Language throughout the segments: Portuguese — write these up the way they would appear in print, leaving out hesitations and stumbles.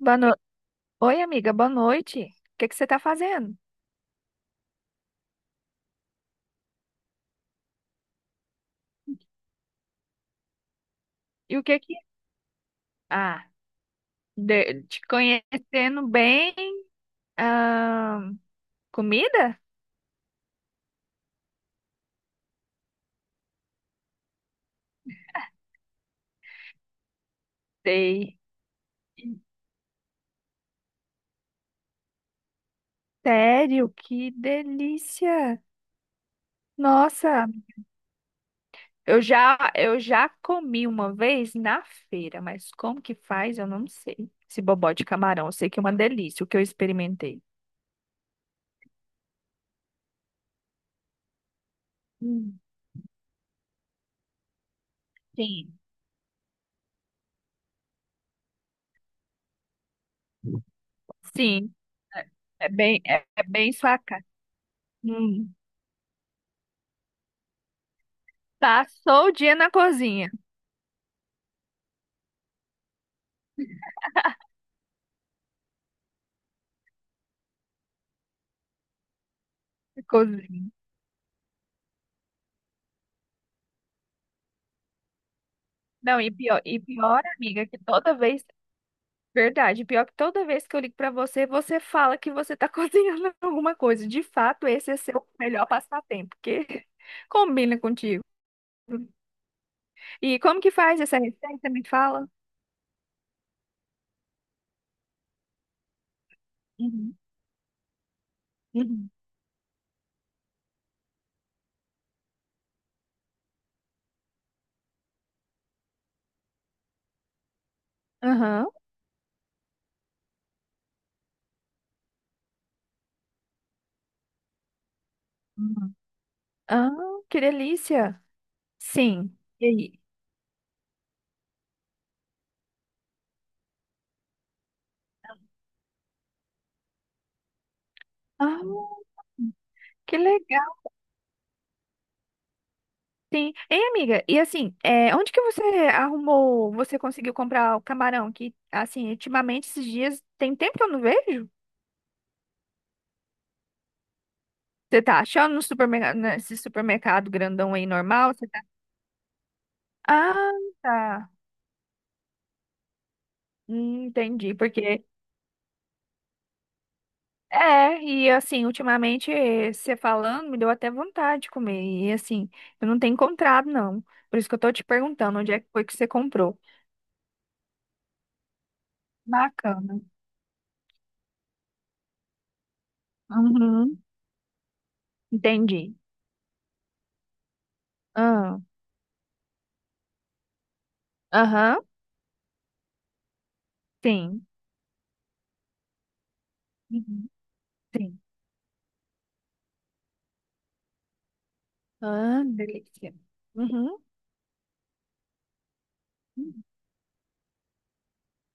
Boa no... Oi, amiga, boa noite. O que que você tá fazendo? E o que que... Ah, de- te conhecendo bem. Ah, comida? Sei. Sério, que delícia. Nossa, eu já comi uma vez na feira, mas como que faz, eu não sei. Esse bobó de camarão, eu sei que é uma delícia, o que eu experimentei. Hum, Sim, sim, é bem, é, é bem sua cara. Hum, Passou o dia na cozinha. Não, e pior, amiga, que toda vez, verdade, pior que toda vez que eu ligo pra você, você fala que você tá cozinhando alguma coisa. De fato, esse é seu melhor passatempo, porque combina contigo. E como que faz essa receita? Me fala. Uhum. Uhum. Aham. Uhum. Ah, que delícia. Sim. E aí? Ah, que legal. Sim. Ei, amiga, e assim, é, onde que você arrumou, você conseguiu comprar o camarão? Que, assim, ultimamente, esses dias, tem tempo que eu não vejo. Você tá achando no supermercado, nesse supermercado grandão aí, normal? Você tá... Ah, tá. Entendi, porque... É, e assim, ultimamente, você falando, me deu até vontade de comer. E assim, eu não tenho encontrado, não. Por isso que eu tô te perguntando onde é que foi que você comprou. Bacana. Uhum. Entendi. Ah, aham, sim. Sim. Ah, delícia. Uhum.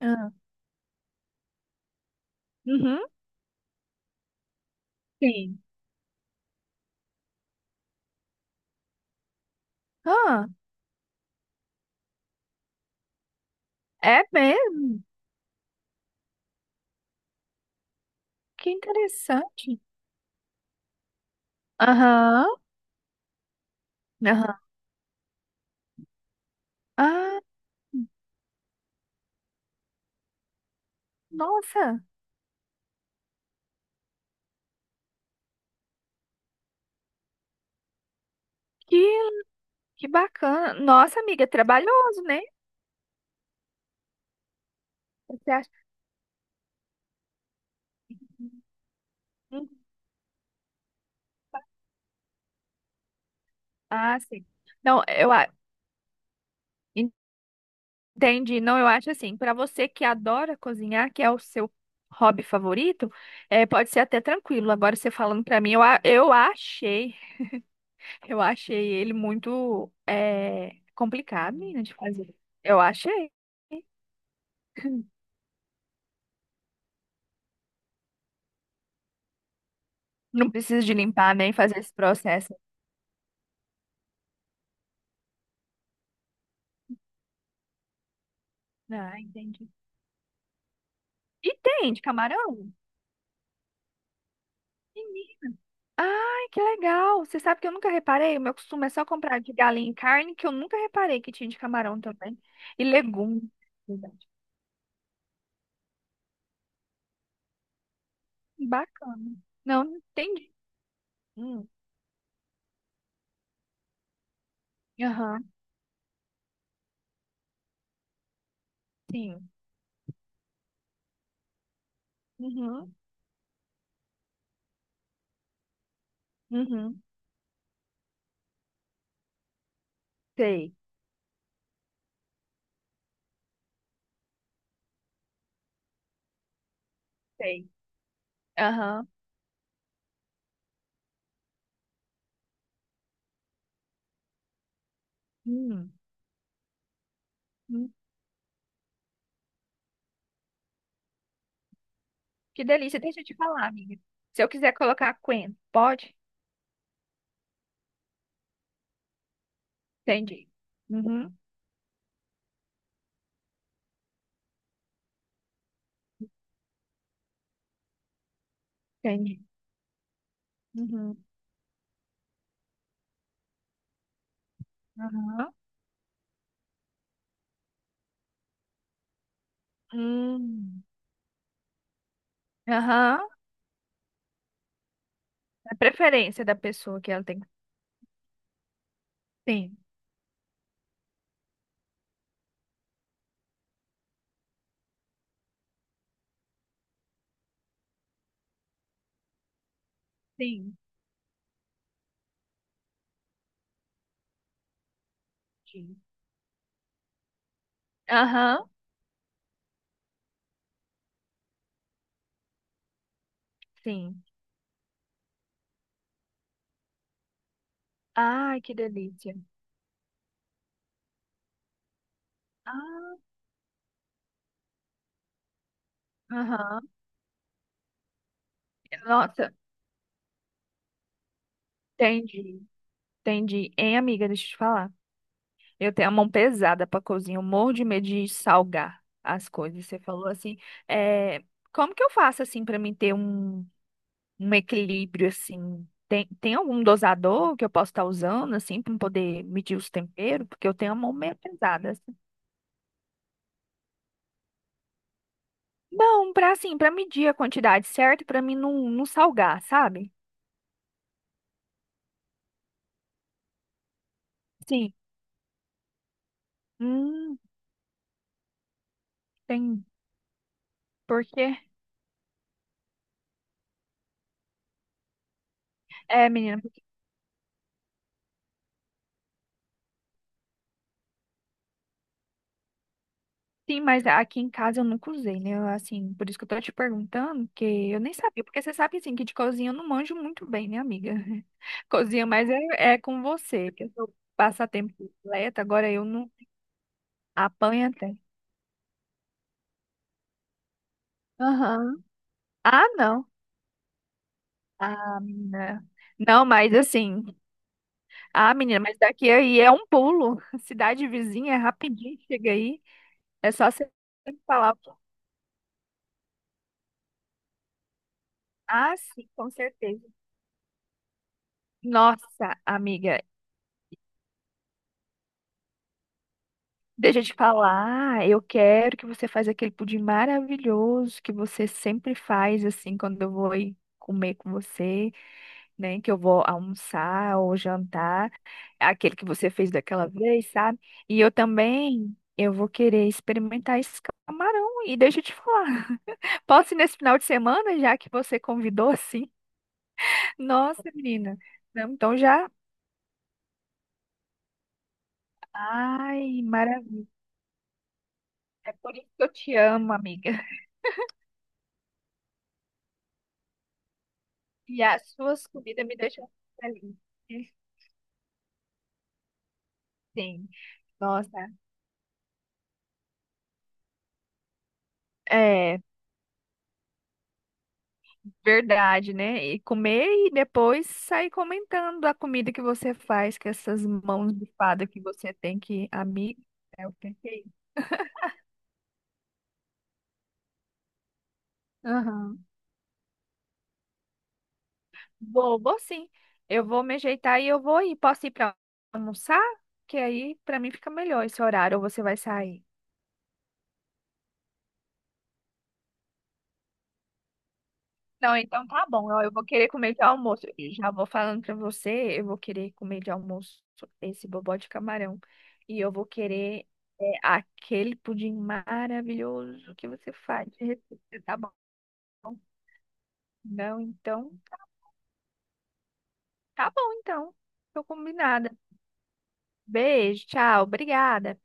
Ah, uhum. Sim. Ah, é mesmo? Que interessante. Aham, aham. Ah, nossa, que, que bacana. Nossa, amiga, é trabalhoso, né? Você acha? Hum, Ah, sim. Não, eu a- entendi. Não, eu acho assim, para você que adora cozinhar, que é o seu hobby favorito, é, pode ser até tranquilo. Agora você falando para mim, eu, a- eu achei. Eu achei ele muito é, complicado, né, de fazer. Eu achei. Não precisa de limpar nem fazer esse processo. Ah, entendi. E tem de camarão? Menino. Ai, que legal. Você sabe que eu nunca reparei? O meu costume é só comprar de galinha e carne, que eu nunca reparei que tinha de camarão também. E legumes. Verdade. Bacana. Não, não entendi. Hum. Aham, sim. Uhum, uhum. Sei, sei. Aham. Hum. Que delícia. Deixa eu te falar, amiga. Se eu quiser colocar Queen, pode? Entendi. Uhum, entendi. Uhum, aham. Hum, aham. É a preferência da pessoa que ela tem. Sim. sim, sim. Aham. Sim. Ai, que delícia. Ah, aham. Nossa, entendi. Entendi. Hein, amiga, deixa eu te falar. Eu tenho a mão pesada pra cozinhar. Eu morro de medo de salgar as coisas. Você falou assim, é... Como que eu faço assim pra mim ter um. Um equilíbrio assim. Tem algum dosador que eu posso estar usando assim para poder medir os temperos, porque eu tenho a mão meio pesada assim. Não, para assim, para medir a quantidade certa, para mim não, não salgar, sabe? Sim. Hum, tem. Porque é, menina, sim, mas aqui em casa eu nunca usei, né? Eu, assim, por isso que eu tô te perguntando, porque eu nem sabia, porque você sabe assim que de cozinha eu não manjo muito bem, né, amiga? Cozinha, mas é, é com você, que eu sou passatempo completo, agora eu não apanho até. Aham. Ah, não. Ah, menina. Não, mas assim. Ah, menina, mas daqui aí é um pulo. Cidade vizinha, é rapidinho chega aí. É só você falar. Ah, sim, com certeza. Nossa, amiga, deixa eu te falar. Eu quero que você faça aquele pudim maravilhoso que você sempre faz, assim, quando eu vou ir comer com você, né? Que eu vou almoçar ou jantar. Aquele que você fez daquela vez, sabe? E eu também, eu vou querer experimentar esse camarão. E deixa eu te falar, posso ir nesse final de semana, já que você convidou, assim? Nossa, menina. Não, então já. Ai, maravilha. É por isso que eu te amo, amiga. E as suas comidas me deixam feliz. Sim. Nossa. É. Verdade, né? E comer e depois sair comentando a comida que você faz, com essas mãos bifadas que você tem que, amiga, é o perfeito. Aham. Vou, vou sim. Eu vou me ajeitar e eu vou ir. Posso ir para almoçar? Que aí para mim fica melhor esse horário, ou você vai sair? Não, então tá bom. Ó, eu vou querer comer de almoço. E já vou falando pra você, eu vou querer comer de almoço esse bobó de camarão. E eu vou querer é, aquele pudim maravilhoso que você faz de receita, tá bom? Não, então, tá bom então. Tô combinada. Beijo, tchau, obrigada.